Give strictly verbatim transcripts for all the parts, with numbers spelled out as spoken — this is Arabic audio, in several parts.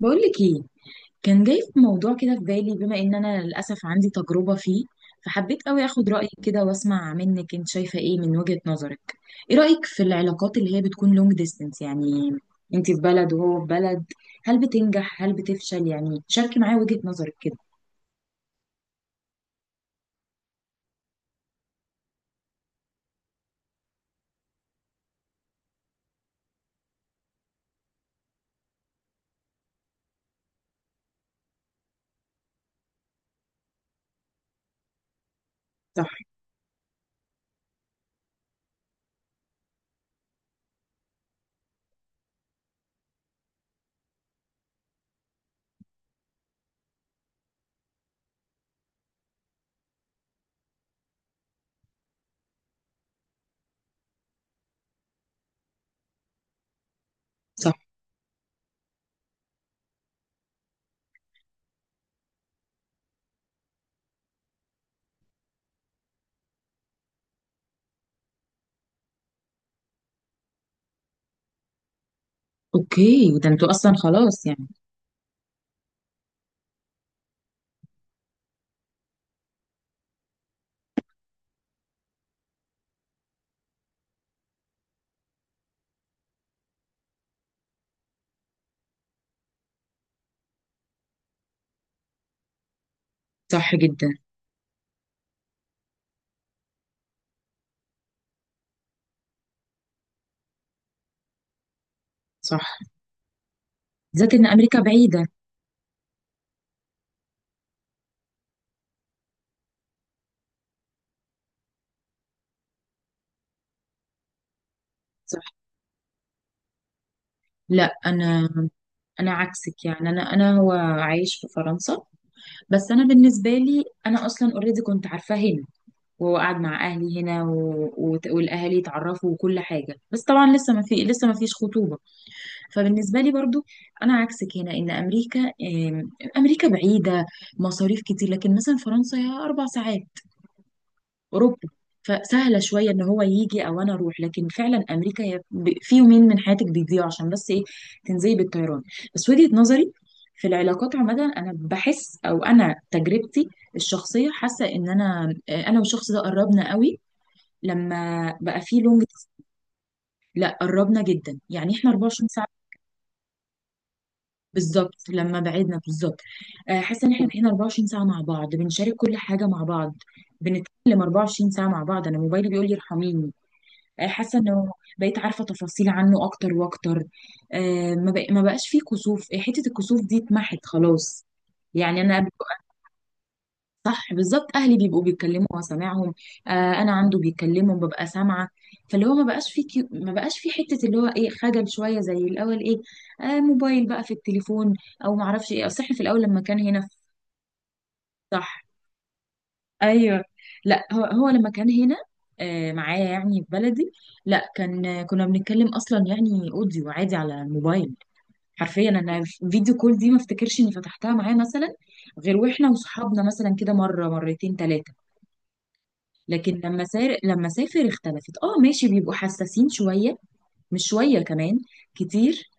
بقولك ايه؟ كان جاي في موضوع كده في بالي، بما ان انا للاسف عندي تجربة فيه. فحبيت قوي اخد رأيك كده واسمع منك انت شايفة ايه من وجهة نظرك. ايه رأيك في العلاقات اللي هي بتكون لونج ديستانس؟ يعني انت في بلد وهو في بلد. هل بتنجح؟ هل بتفشل؟ يعني شاركي معايا وجهة نظرك كده. صح. صح. اوكي، وده انتوا اصلا خلاص يعني؟ صح جدا. صح، بالذات ان امريكا بعيدة. صح. لا انا انا عكسك، يعني انا انا هو عايش في فرنسا. بس انا بالنسبه لي انا اصلا اوريدي كنت عارفاه هنا، وقعد مع اهلي هنا و... وت- والاهالي اتعرفوا وكل حاجه، بس طبعا لسه ما في لسه ما فيش خطوبه. فبالنسبه لي برضو انا عكسك هنا، ان امريكا آم، امريكا بعيده، مصاريف كتير. لكن مثلا فرنسا هي اربع ساعات، اوروبا، فسهله شويه ان هو يجي او انا اروح. لكن فعلا امريكا هي ب- في يومين من حياتك بيضيعوا عشان بس ايه، تنزلي بالطيران. بس وجهه نظري في العلاقات عامه انا بحس، او انا تجربتي الشخصيه حاسه ان انا انا والشخص ده قربنا قوي لما بقى في لونج. لا قربنا جدا، يعني احنا اربعة وعشرين ساعة ساعه. بالظبط لما بعدنا بالظبط. آه، حاسه ان احنا بقينا اربعة وعشرين ساعة ساعه مع بعض، بنشارك كل حاجه مع بعض، بنتكلم اربعة وعشرين ساعة ساعه مع بعض. انا موبايلي بيقول لي ارحميني. آه، حاسه انه بقيت عارفه تفاصيل عنه اكتر واكتر. آه، ما بق- ما بقاش فيه كسوف. آه، حته الكسوف دي اتمحت خلاص. يعني انا ببقى-. صح، بالظبط. اهلي بيبقوا بيتكلموا وسامعهم. آه انا عنده بيتكلموا ببقى سامعه. فاللي هو ما بقاش في كيو... ما بقاش في حته اللي هو ايه، خجل شويه زي الاول، ايه، آه موبايل بقى في التليفون. او ما اعرفش ايه، اصل احنا في الاول لما كان هنا في- صح. ايوه. لا، هو هو لما كان هنا، آه، معايا يعني في بلدي. لا كان، آه، كنا بنتكلم اصلا يعني اوديو عادي على الموبايل حرفيا. انا فيديو كول دي ما افتكرش اني فتحتها معاه مثلا، غير واحنا وصحابنا مثلا كده مره مرتين ثلاثه. لكن لما سار لما سافر اختلفت. اه ماشي، بيبقوا حساسين شويه، مش شويه كمان، كتير.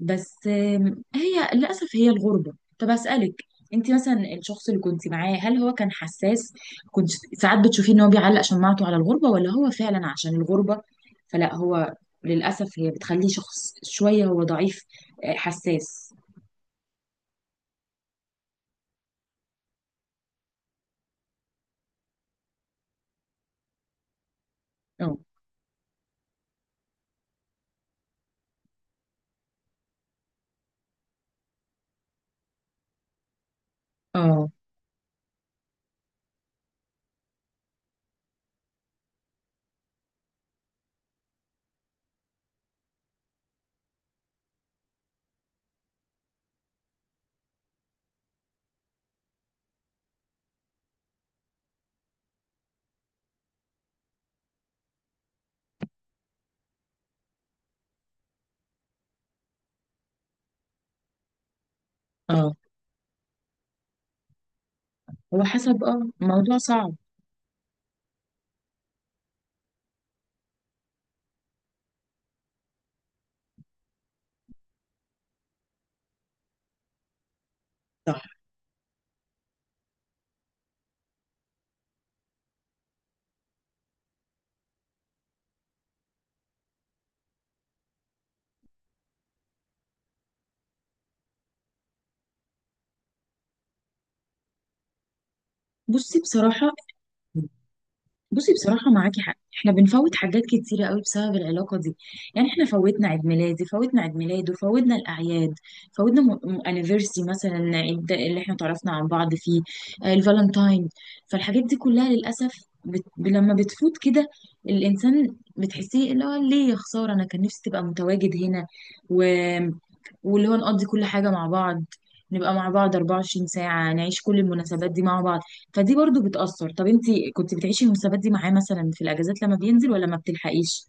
بس آم، هي للأسف هي الغربة. طب أسألك، انت مثلا الشخص اللي كنت معاه، هل هو كان حساس؟ كنت ساعات بتشوفيه ان هو بيعلق شماعته على الغربة، ولا هو فعلا عشان الغربة؟ فلا، هو للأسف هي بتخليه شخص شوية هو ضعيف، آه، حساس. اه. اه. اه. هو حسب، اه موضوع صعب. صح. بصي بصراحة. بصي بصراحة معاكي حق، احنا بنفوت حاجات كتيرة قوي بسبب العلاقة دي. يعني احنا فوتنا عيد ميلادي، فوتنا عيد ميلاده، فوتنا الأعياد، فوتنا انيفرسي مثلا، عيد اللي احنا تعرفنا عن بعض فيه، آه، الفالنتاين. فالحاجات دي كلها للأسف بت... ب- لما بتفوت كده الإنسان بتحسيه اللي هو، ليه يا خسارة، أنا كان نفسي تبقى متواجد هنا، و... واللي هو نقضي كل حاجة مع بعض، نبقى مع بعض 24 ساعة، نعيش كل المناسبات دي مع بعض. فدي برضو بتأثر. طب انتي كنت بتعيشي المناسبات دي معاه مثلا في الأجازات لما بينزل، ولا ما بتلحقيش؟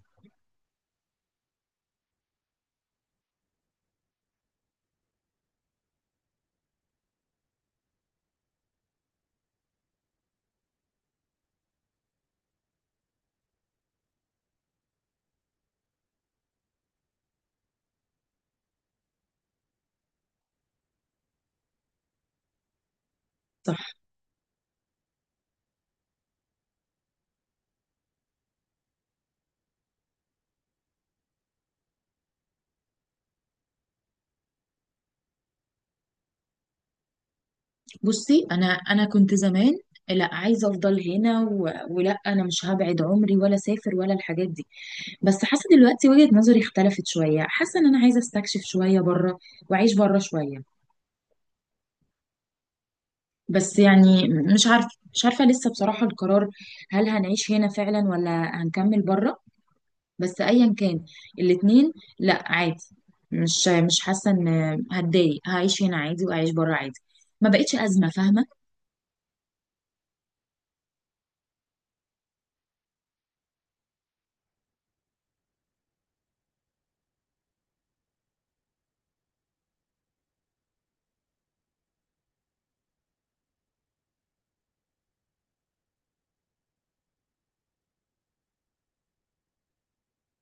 صح. بصي، انا انا كنت زمان لا، عايزه افضل هنا و... ولا انا مش هبعد عمري ولا اسافر ولا الحاجات دي. بس حاسه دلوقتي وجهه نظري اختلفت شويه، حاسه ان انا عايزه استكشف شويه بره واعيش بره شويه. بس يعني مش عارفه، مش عارفه لسه بصراحه القرار، هل هنعيش هنا فعلا ولا هنكمل بره؟ بس ايا كان الاتنين، لا عادي، مش مش حاسه ان هتضايق، هعيش هنا عادي وهعيش بره عادي. ما بقتش ازمه فاهمه.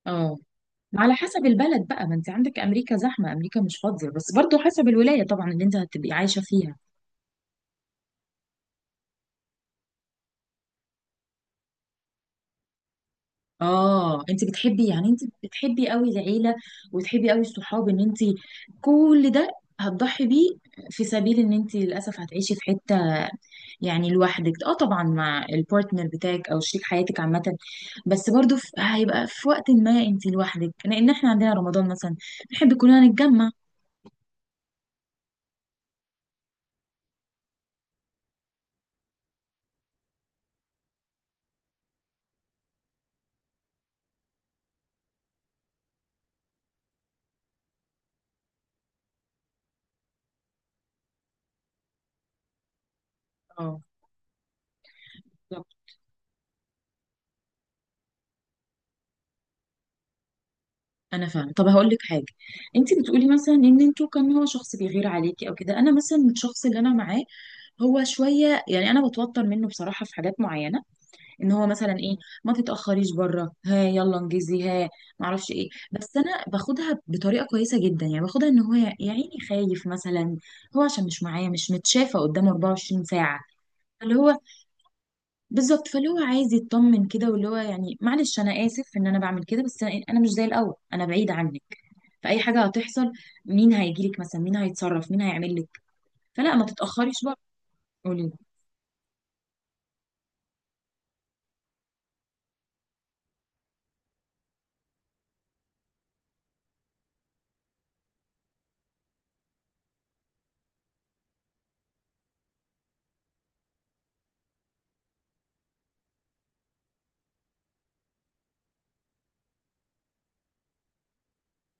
اه، على حسب البلد بقى. ما انت عندك امريكا زحمه، امريكا مش فاضيه، بس برضو حسب الولايه طبعا اللي انت هتبقي عايشه فيها. اه، انت بتحبي يعني انت بتحبي قوي العيله، وتحبي قوي الصحاب. ان انت كل ده هتضحي بيه، في سبيل ان انت للاسف هتعيشي في حته يعني لوحدك. اه طبعا مع البارتنر بتاعك او شريك حياتك عامه، بس برضو في... هيبقى في وقت ما انت لوحدك، لان احنا عندنا رمضان مثلا، بنحب كلنا نتجمع. اه، بالظبط. انا فاهمه. طب هقول لك حاجه، انت بتقولي مثلا ان انتوا كان هو شخص بيغير عليكي او كده. انا مثلا الشخص اللي انا معاه هو شويه، يعني انا بتوتر منه بصراحه في حاجات معينه. ان هو مثلا ايه، ما تتاخريش بره، ها يلا انجزي، ها ما اعرفش ايه، بس انا باخدها بطريقه كويسه جدا، يعني باخدها ان هو يا يا عيني خايف مثلا، هو عشان مش معايا، مش متشافه قدامه اربعة وعشرين ساعة ساعه، اللي هو بالظبط. فاللي هو عايز يطمن كده، واللي هو يعني معلش انا اسف ان انا بعمل كده، بس انا إيه، أنا مش زي الاول، انا بعيد عنك، فاي حاجه هتحصل، مين هيجيلك مثلا، مين هيتصرف، مين هيعمل لك، فلا ما تتاخريش بره. قولي.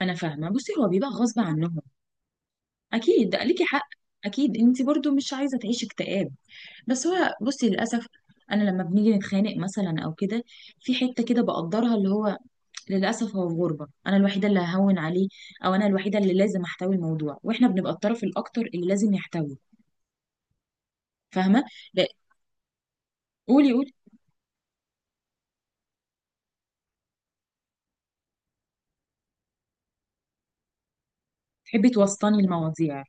انا فاهمه. بصي، هو بيبقى غصب عنهم، اكيد ليكي حق، اكيد انت برضو مش عايزه تعيشي اكتئاب. بس هو بصي للاسف، انا لما بنيجي نتخانق مثلا او كده، في حته كده بقدرها اللي هو، للاسف هو في غربه، انا الوحيده اللي ههون عليه، او انا الوحيده اللي لازم احتوي الموضوع، واحنا بنبقى الطرف الاكتر اللي لازم يحتوي، فاهمه. لا. قولي. قولي، تحبي توسطني المواضيع؟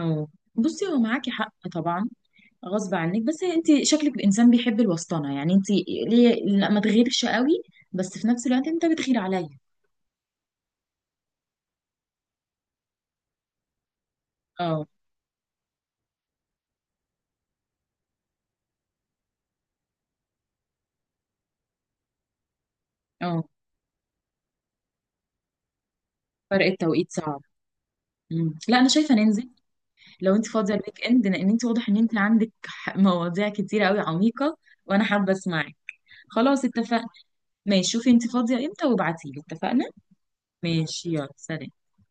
اه. بصي، هو معاكي حق طبعا، غصب عنك، بس انت شكلك انسان بيحب الوسطنه، يعني انت ليه لا ما تغيرش قوي، بس في نفس الوقت انت بتغير عليا. اه. اه، فرق التوقيت صعب. مم. لا انا شايفه ننزل لو انت فاضيه الويك اند، لان انت واضح ان انت عندك ح- مواضيع كتير قوي عميقه، وانا حابه اسمعك. خلاص اتفقنا. ماشي، شوفي انت فاضيه امتى وابعتيلي. اتفقنا. ماشي، يلا سلام.